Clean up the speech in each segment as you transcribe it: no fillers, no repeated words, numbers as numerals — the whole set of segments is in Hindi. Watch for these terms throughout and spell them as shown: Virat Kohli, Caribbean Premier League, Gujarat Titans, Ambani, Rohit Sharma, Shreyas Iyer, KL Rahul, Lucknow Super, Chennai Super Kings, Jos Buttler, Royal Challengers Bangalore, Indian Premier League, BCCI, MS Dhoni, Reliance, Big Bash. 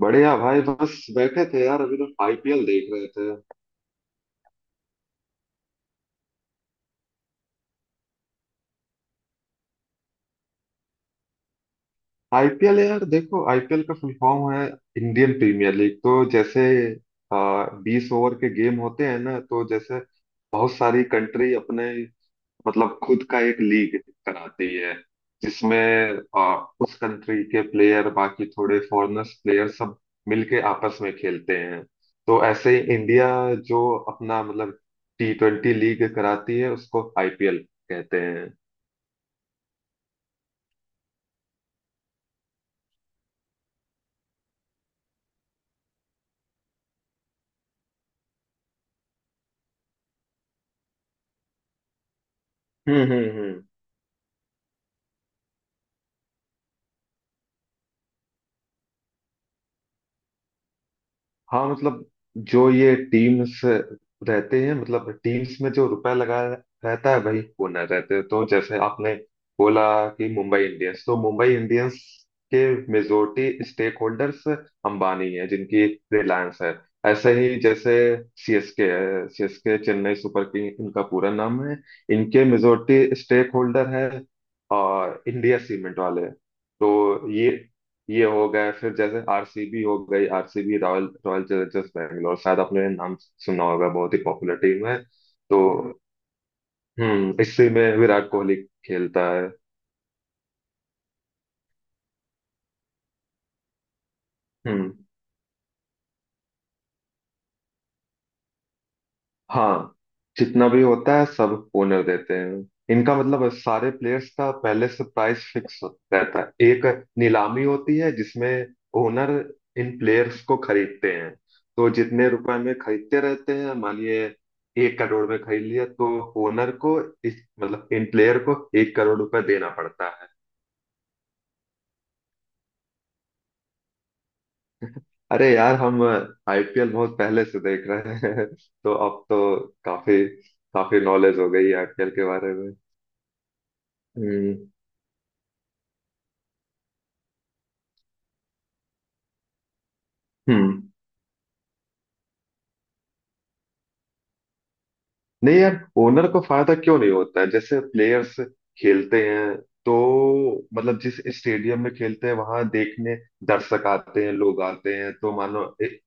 बढ़िया भाई। बस बैठे थे यार, अभी तो आईपीएल देख रहे थे। आईपीएल यार, देखो आईपीएल का फुल फॉर्म है इंडियन प्रीमियर लीग। तो जैसे 20 ओवर के गेम होते हैं ना, तो जैसे बहुत सारी कंट्री अपने, मतलब खुद का एक लीग कराती है जिसमें आ, उस कंट्री के प्लेयर बाकी थोड़े फॉरेनर्स प्लेयर सब मिलके आपस में खेलते हैं। तो ऐसे ही इंडिया जो अपना मतलब T20 लीग कराती है उसको आईपीएल कहते हैं। हम्म। हाँ मतलब जो ये टीम्स रहते हैं, मतलब टीम्स में जो रुपया लगा रहता है वही ओनर रहते हैं। तो जैसे आपने बोला कि मुंबई इंडियंस, तो मुंबई इंडियंस के मेजोरिटी स्टेक होल्डर्स अंबानी है जिनकी रिलायंस है। ऐसे ही जैसे सीएसके है, सीएसके चेन्नई सुपर किंग इनका पूरा नाम है। इनके मेजोरिटी स्टेक होल्डर है और इंडिया सीमेंट वाले। तो ये हो गए, फिर जैसे आरसीबी हो गई, RCB Royal Royal Challengers Bangalore, शायद आपने नाम सुना होगा, बहुत ही पॉपुलर टीम है। तो हम्म, इसी में विराट कोहली खेलता है। हम्म। हाँ, जितना भी होता है सब ओनर देते हैं। इनका मतलब सारे प्लेयर्स का पहले से प्राइस फिक्स रहता है, एक नीलामी होती है जिसमें ओनर इन प्लेयर्स को खरीदते हैं। तो जितने रुपए में खरीदते रहते हैं, मानिए 1 करोड़ में खरीद लिया तो ओनर को, इस मतलब इन प्लेयर को 1 करोड़ रुपए देना पड़ता है। अरे यार, हम आईपीएल बहुत पहले से देख रहे हैं तो अब तो काफी काफी नॉलेज हो गई है आईपीएल के बारे में। हम्म हम्म। नहीं यार, ओनर को फायदा क्यों नहीं होता है। जैसे प्लेयर्स खेलते हैं तो मतलब जिस स्टेडियम में खेलते हैं वहां देखने दर्शक आते हैं, लोग आते हैं, तो मान लो एक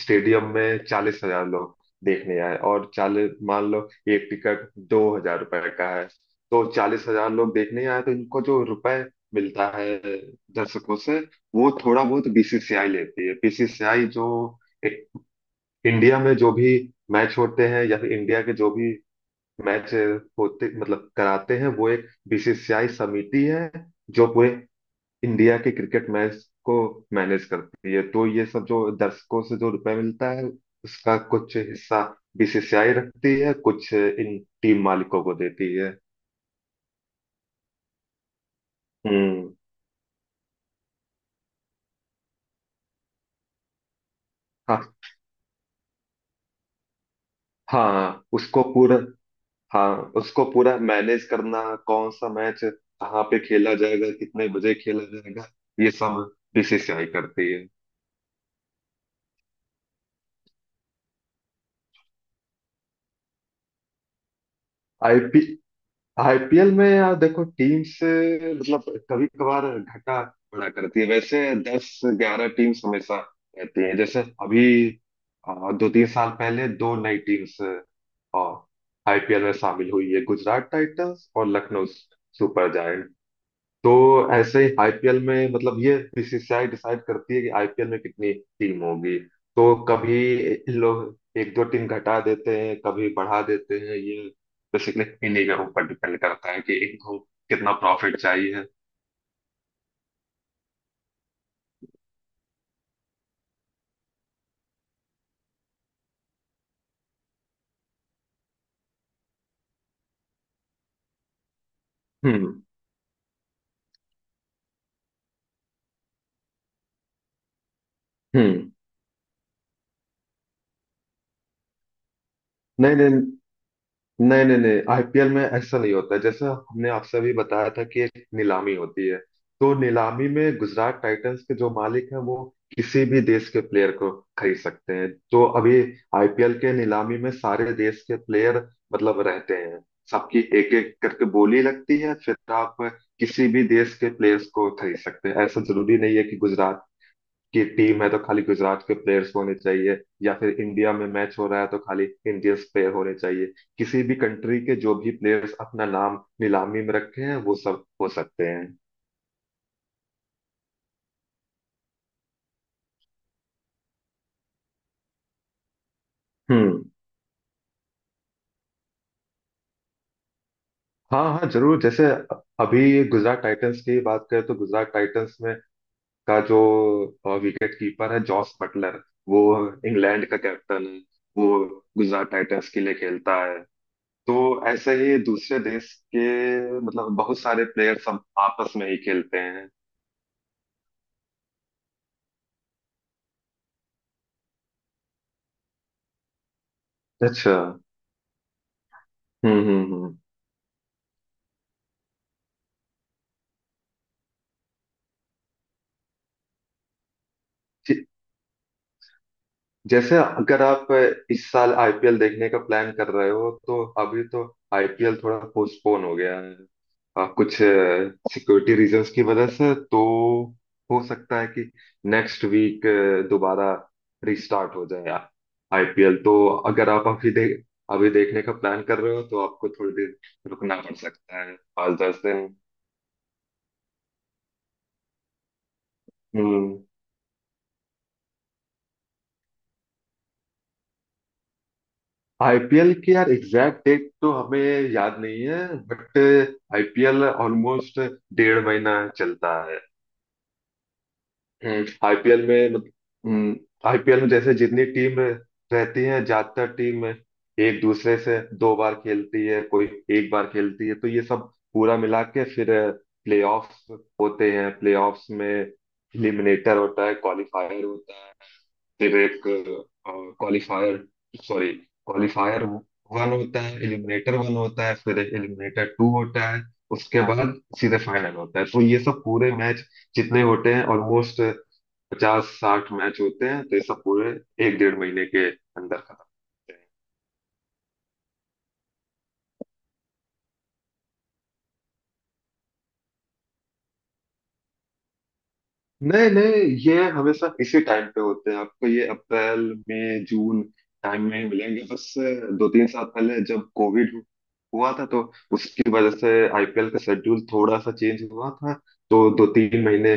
स्टेडियम में 40,000 लोग देखने आए, और चालीस, मान लो एक टिकट 2,000 रुपए का है, तो 40,000 लोग देखने आए तो इनको जो रुपए मिलता है दर्शकों से, वो थोड़ा बहुत बीसीसीआई लेती है। बीसीसीआई जो इंडिया में जो भी मैच होते हैं या फिर इंडिया के जो भी मैच होते मतलब कराते हैं, वो एक बीसीसीआई समिति है जो पूरे इंडिया के क्रिकेट मैच को मैनेज करती है। तो ये सब जो दर्शकों से जो रुपए मिलता है उसका कुछ हिस्सा बीसीसीआई रखती है, कुछ इन टीम मालिकों को देती है। हम्म। हाँ। हाँ उसको पूरा हाँ उसको पूरा मैनेज करना, कौन सा मैच कहाँ पे खेला जाएगा, कितने बजे खेला जाएगा, ये सब बीसीसीआई करती है। आईपी आईपीएल में यार देखो, टीम से मतलब कभी कभार घटा बढ़ा करती है, वैसे दस ग्यारह टीम्स हमेशा रहती है। जैसे अभी अ, दो तीन साल पहले दो नई टीम्स आईपीएल में शामिल हुई है, गुजरात टाइटंस और लखनऊ सुपर। तो ऐसे ही आईपीएल में मतलब ये बीसीसीआई डिसाइड करती है कि आईपीएल में कितनी टीम होगी। तो कभी इन लोग एक दो टीम घटा देते हैं, कभी बढ़ा देते हैं। ये बेसिकली इन्हीं के ऊपर डिपेंड करता है कि इनको कितना प्रॉफिट चाहिए। हम्म हम्म। नहीं नहीं नहीं नहीं नहीं, आईपीएल में ऐसा नहीं होता है। जैसा हमने आपसे अभी बताया था कि एक नीलामी होती है, तो नीलामी में गुजरात टाइटंस के जो मालिक हैं वो किसी भी देश के प्लेयर को खरीद सकते हैं। तो अभी आईपीएल के नीलामी में सारे देश के प्लेयर मतलब रहते हैं, सबकी एक एक करके बोली लगती है, फिर आप किसी भी देश के प्लेयर्स को खरीद सकते हैं। ऐसा जरूरी नहीं है कि गुजरात की टीम है तो खाली गुजरात के प्लेयर्स होने चाहिए, या फिर इंडिया में मैच हो रहा है तो खाली इंडियंस प्लेयर होने चाहिए। किसी भी कंट्री के जो भी प्लेयर्स अपना नाम नीलामी में रखे हैं वो सब हो सकते हैं। हम्म। हाँ हाँ जरूर। जैसे अभी गुजरात टाइटंस की बात करें तो गुजरात टाइटंस में का जो विकेट कीपर है जॉस बटलर, वो इंग्लैंड का कैप्टन है, वो गुजरात टाइटंस के लिए खेलता है। तो ऐसे ही दूसरे देश के मतलब बहुत सारे प्लेयर्स हम आपस में ही खेलते हैं। अच्छा। हम्म। जैसे अगर आप इस साल आईपीएल देखने का प्लान कर रहे हो तो अभी तो आईपीएल थोड़ा पोस्टपोन हो गया है, कुछ सिक्योरिटी रीजंस की वजह से। तो हो सकता है कि नेक्स्ट वीक दोबारा रिस्टार्ट हो जाए आईपीएल। तो अगर आप अभी देखने का प्लान कर रहे हो तो आपको थोड़ी देर रुकना पड़ सकता है, पाँच दस दिन। हम्म। आईपीएल की यार एग्जैक्ट डेट तो हमें याद नहीं है, बट आईपीएल ऑलमोस्ट डेढ़ महीना चलता है। आईपीएल में, आईपीएल में जैसे जितनी टीम रहती है, ज्यादातर टीम एक दूसरे से दो बार खेलती है, कोई एक बार खेलती है, तो ये सब पूरा मिला के फिर प्लेऑफ्स होते हैं। प्लेऑफ्स में एलिमिनेटर होता है, क्वालिफायर होता है, फिर एक क्वालिफायर सॉरी क्वालिफायर वन होता है, एलिमिनेटर वन होता है, फिर एलिमिनेटर टू होता है, उसके बाद सीधे फाइनल होता है। तो ये सब पूरे मैच जितने होते हैं ऑलमोस्ट पचास साठ मैच होते हैं, तो ये सब पूरे एक डेढ़ महीने के अंदर खत्म होते हैं। नहीं नहीं, ये हमेशा इसी टाइम पे होते हैं। आपको ये अप्रैल मई जून टाइम में ही मिलेंगे। बस दो तीन साल पहले जब कोविड हुआ था तो उसकी वजह से आईपीएल का शेड्यूल थोड़ा सा चेंज हुआ था, तो दो तीन महीने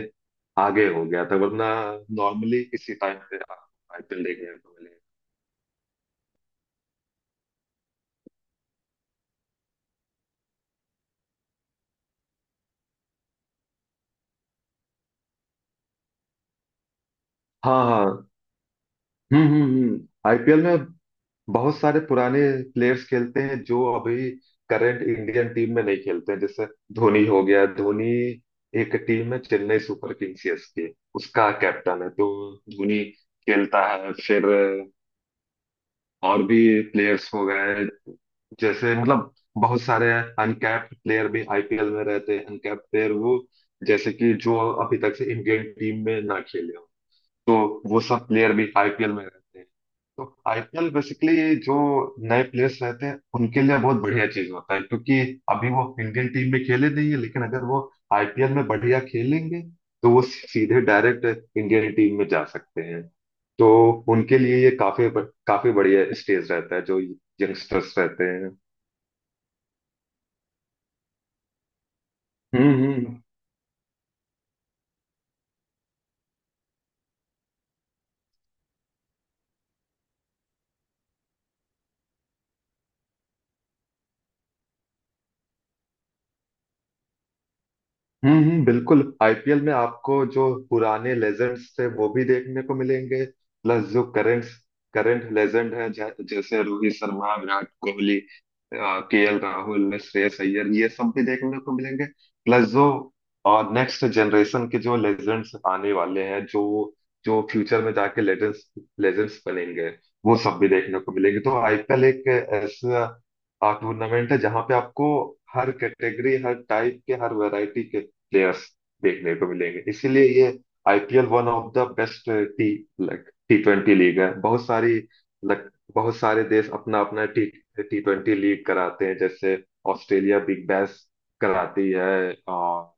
आगे हो गया था, वरना नॉर्मली इसी टाइम पे आपको आईपीएल देखने को मिलेगा। हाँ हाँ। हम्म। आईपीएल में बहुत सारे पुराने प्लेयर्स खेलते हैं जो अभी करंट इंडियन टीम में नहीं खेलते हैं। जैसे धोनी हो गया, धोनी एक टीम है चेन्नई सुपर किंग सीएसके उसका कैप्टन है, तो धोनी खेलता है। फिर और भी प्लेयर्स हो गए जैसे, मतलब बहुत सारे अनकैप्ड प्लेयर भी आईपीएल में रहते हैं। अनकैप्ड प्लेयर वो जैसे कि जो अभी तक से इंडियन टीम में ना खेले हो, तो वो सब प्लेयर भी आईपीएल में रहते हैं। तो आईपीएल बेसिकली जो नए प्लेयर्स रहते हैं उनके लिए बहुत बढ़िया चीज होता है क्योंकि अभी वो इंडियन टीम में खेले नहीं है, लेकिन अगर वो आईपीएल में बढ़िया खेलेंगे तो वो सीधे डायरेक्ट इंडियन टीम में जा सकते हैं। तो उनके लिए ये काफी काफी बढ़िया स्टेज रहता है जो यंगस्टर्स रहते हैं। हम्म। बिल्कुल। आईपीएल में आपको जो पुराने लेजेंड्स थे वो भी देखने को मिलेंगे। प्लस जो करंट करंट लेजेंड है जैसे रोहित शर्मा, विराट कोहली, केएल राहुल, श्रेयस अय्यर, ये सब भी देखने को मिलेंगे। प्लस जो और नेक्स्ट जनरेशन के जो लेजेंड्स आने वाले हैं, जो जो फ्यूचर में जाके लेजेंड्स लेजेंड्स बनेंगे, वो सब भी देखने को मिलेंगे। तो आईपीएल एक ऐसा टूर्नामेंट है जहां पे आपको हर कैटेगरी, हर टाइप के, हर वैरायटी के प्लेयर्स देखने को मिलेंगे। इसीलिए ये IPL one of the best T T20 league है। बहुत सारी लाइक बहुत सारे देश अपना अपना टी T20 लीग कराते हैं, जैसे ऑस्ट्रेलिया बिग बैश कराती है, और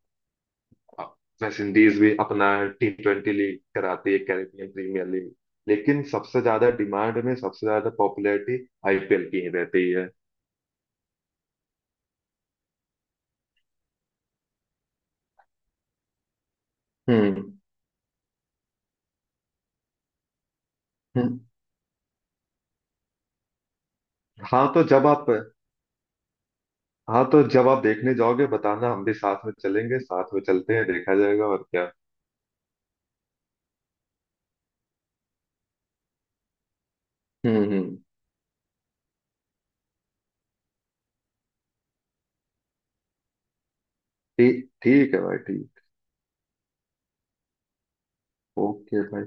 वेस्ट इंडीज भी अपना T20 लीग कराती है, कैरेबियन प्रीमियर लीग। लेकिन सबसे ज्यादा डिमांड में, सबसे ज्यादा पॉपुलैरिटी आईपीएल की ही रहती है। हम्म हम्म। हाँ, तो जब आप देखने जाओगे बताना, हम भी साथ में चलेंगे, साथ में चलते हैं, देखा जाएगा और क्या। हम्म। ठीक ठीक है भाई, ठीक। ओके भाई।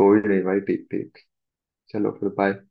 कोई नहीं भाई, ठीक ठीक। चलो फिर बाय।